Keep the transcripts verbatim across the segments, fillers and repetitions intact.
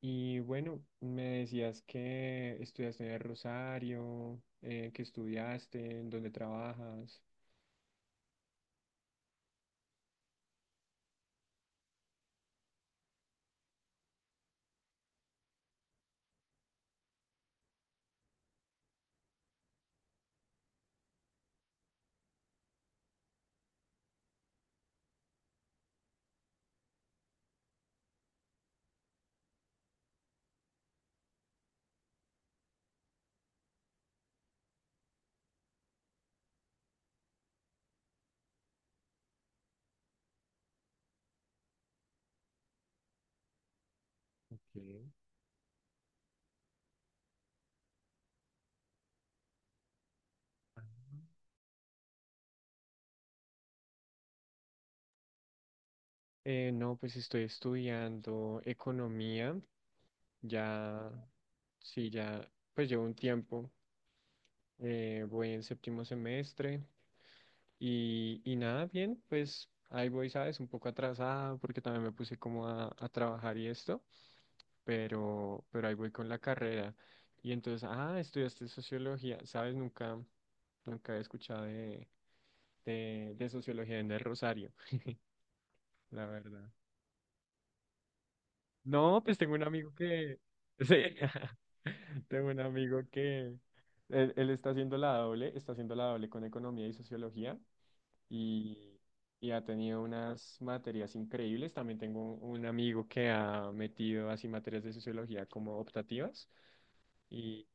Y bueno, me decías que estudiaste en el Rosario, eh, que estudiaste, en dónde trabajas. Ok. Eh, no, pues estoy estudiando economía, ya, sí, ya, pues llevo un tiempo, eh, voy en séptimo semestre y, y nada, bien, pues ahí voy, ¿sabes? Un poco atrasada porque también me puse como a, a trabajar y esto, pero, pero ahí voy con la carrera. Y entonces, ah, estudiaste sociología, ¿sabes? Nunca, nunca he escuchado de, de, de sociología en el Rosario, la verdad. No, pues tengo un amigo que... Sí. Tengo un amigo que... Él, él está haciendo la doble, está haciendo la doble con economía y sociología. Y, y ha tenido unas materias increíbles. También tengo un un amigo que ha metido así materias de sociología como optativas y,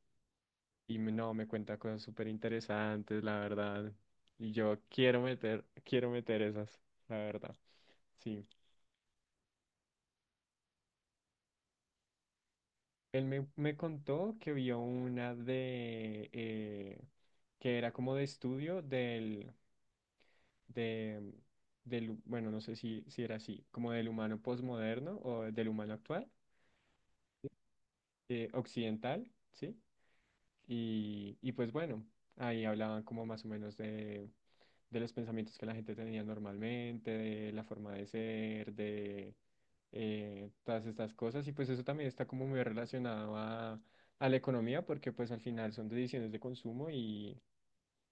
y me- no, me cuenta cosas súper interesantes, la verdad. Y yo quiero meter, quiero meter esas, la verdad. Sí. Él me, me contó que vio una de, eh, que era como de estudio del, de, del, bueno, no sé si, si era así, como del humano posmoderno o del humano actual eh, occidental, ¿sí? Y, y pues bueno, ahí hablaban como más o menos de, de los pensamientos que la gente tenía normalmente, de la forma de ser, de eh, todas estas cosas. Y pues eso también está como muy relacionado a, a la economía, porque pues al final son decisiones de consumo y,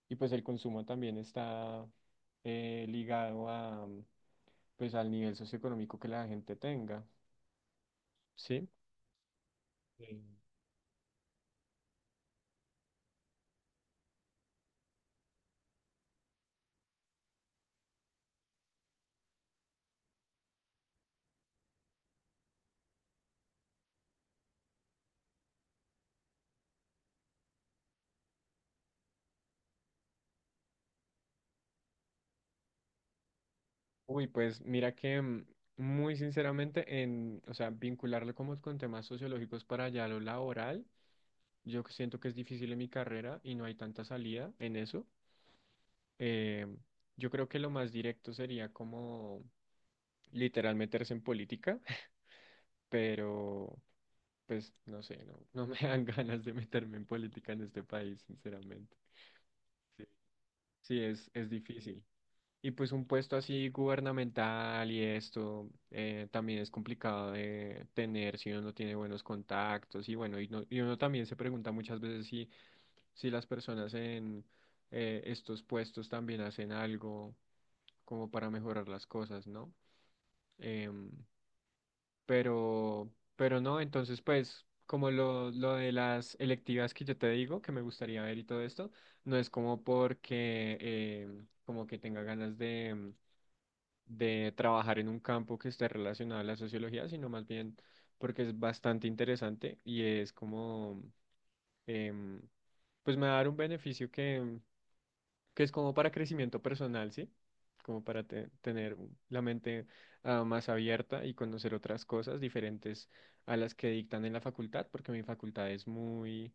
y pues el consumo también está eh, ligado a, pues al nivel socioeconómico que la gente tenga, ¿sí? Sí. Uy, pues mira que mm, muy sinceramente en, o sea, vincularlo como con temas sociológicos para allá lo laboral, yo que siento que es difícil en mi carrera y no hay tanta salida en eso. Eh, yo creo que lo más directo sería como literal meterse en política, pero pues no sé, no, no me dan ganas de meterme en política en este país, sinceramente. Sí, sí, es, es difícil. Y pues un puesto así gubernamental y esto eh, también es complicado de tener si uno no tiene buenos contactos y bueno, y, no- y uno también se pregunta muchas veces si, si las personas en eh, estos puestos también hacen algo como para mejorar las cosas, ¿no? Em, pero, pero no, entonces pues como lo, lo de las electivas que yo te digo, que me gustaría ver y todo esto, no es como porque em, como que tenga ganas de de trabajar en un campo que esté relacionado a la sociología, sino más bien porque es bastante interesante y es como, em, pues me va a dar un beneficio que, que es como para crecimiento personal, ¿sí? Como para te- tener un- la mente ah, más abierta y conocer otras cosas diferentes a las que dictan en la facultad, porque mi facultad es muy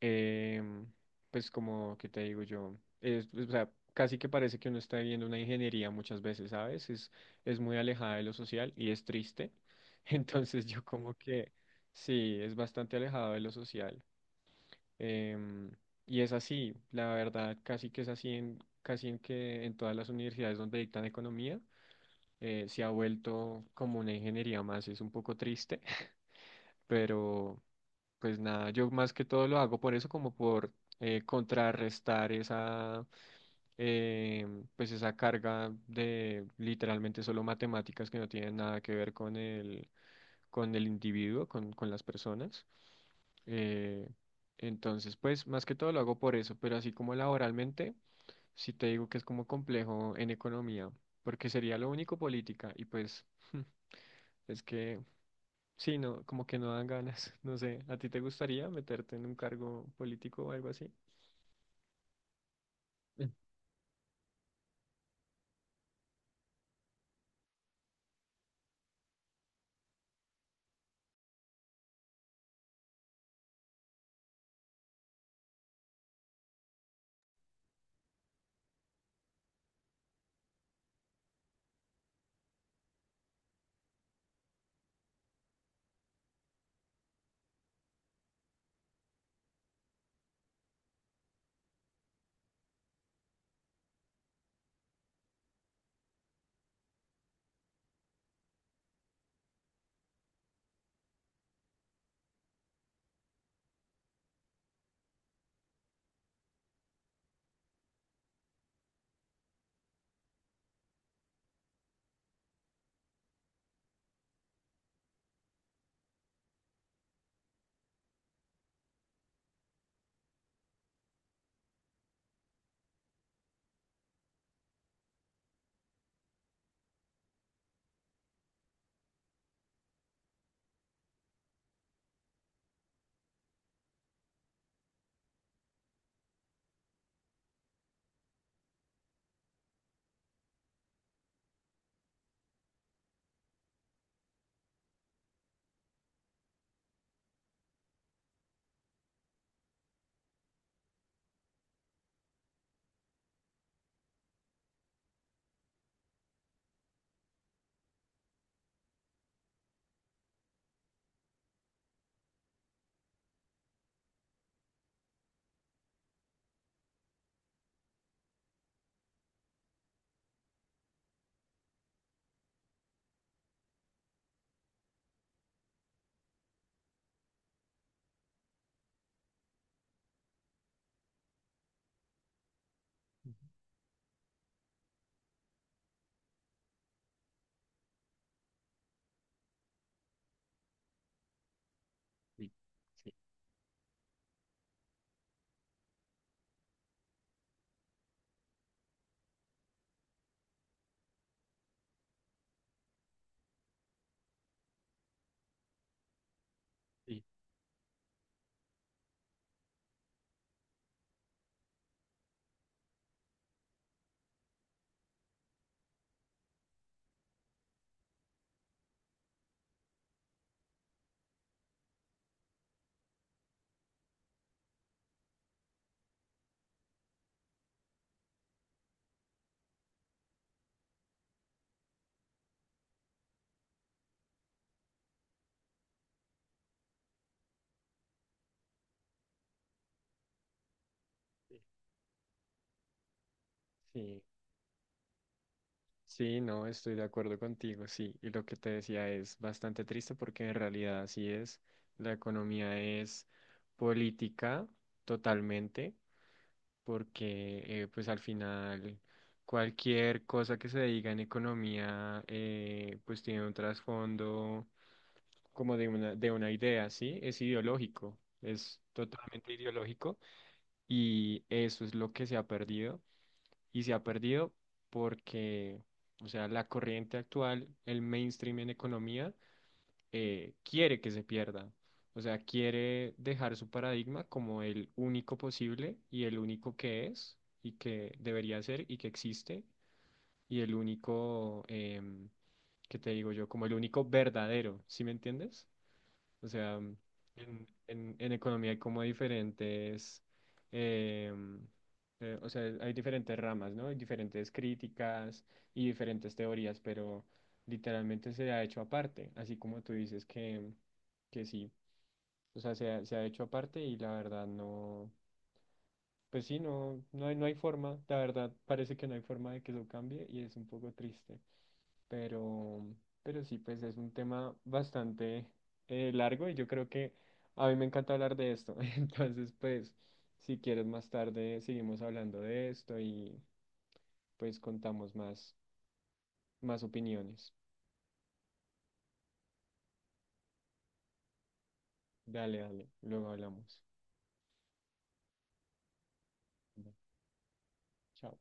em, pues como que te digo yo, es, pues, o sea, casi que parece que uno está viviendo una ingeniería muchas veces, ¿sabes? Es, es muy alejada de lo social y es triste. Entonces yo como que sí, es bastante alejado de lo social. Em, y es así, la verdad, casi que es así en, casi en que en todas las universidades donde dictan economía, eh, se ha vuelto como una ingeniería más, es un poco triste, pero... Pues nada, yo más que todo lo hago por eso, como por eh, contrarrestar esa, eh, pues esa carga de literalmente solo matemáticas que no tienen nada que ver con el, con el individuo, con, con las personas. Eh, entonces, pues más que todo lo hago por eso, pero así como laboralmente, sí te digo que es como complejo en economía, porque sería lo único política y pues es que sí, no, como que no dan ganas. No sé, ¿a ti te gustaría meterte en un cargo político o algo así? Mm, sí, sí, sí, sí. Sí, sí, no, estoy de acuerdo contigo, sí. Y lo que te decía es bastante triste porque en realidad así es. La economía es política totalmente. Porque eh, pues al final cualquier cosa que se diga en economía eh, pues tiene un trasfondo como de una, de una idea, ¿sí? Es ideológico, es totalmente ideológico y eso es lo que se ha perdido y se ha perdido porque, o sea, la corriente actual, el mainstream en economía, eh, quiere que se pierda. O sea, quiere dejar su paradigma como el único posible y el único que es y que debería ser y que existe y el único, em, que te digo yo? Como el único verdadero, ¿sí me entiendes? O sea, mm, en, en- en economía hay como diferentes, em, eh, o sea, hay diferentes ramas, ¿no? Hay diferentes críticas y diferentes teorías, pero literalmente se ha hecho aparte, así como tú dices que, mm, que sí. O sea, se ha, se ha hecho aparte y la verdad no, pues sí, no, no hay, no hay forma, la verdad parece que no hay forma de que eso cambie y es un poco triste. Pero, pero sí, pues es un tema bastante eh, largo y yo creo que a mí me encanta hablar de esto. Entonces, pues, si quieres más tarde, seguimos hablando de esto y pues contamos más, más opiniones. Dale, dale, luego hablamos. Bueno, chao.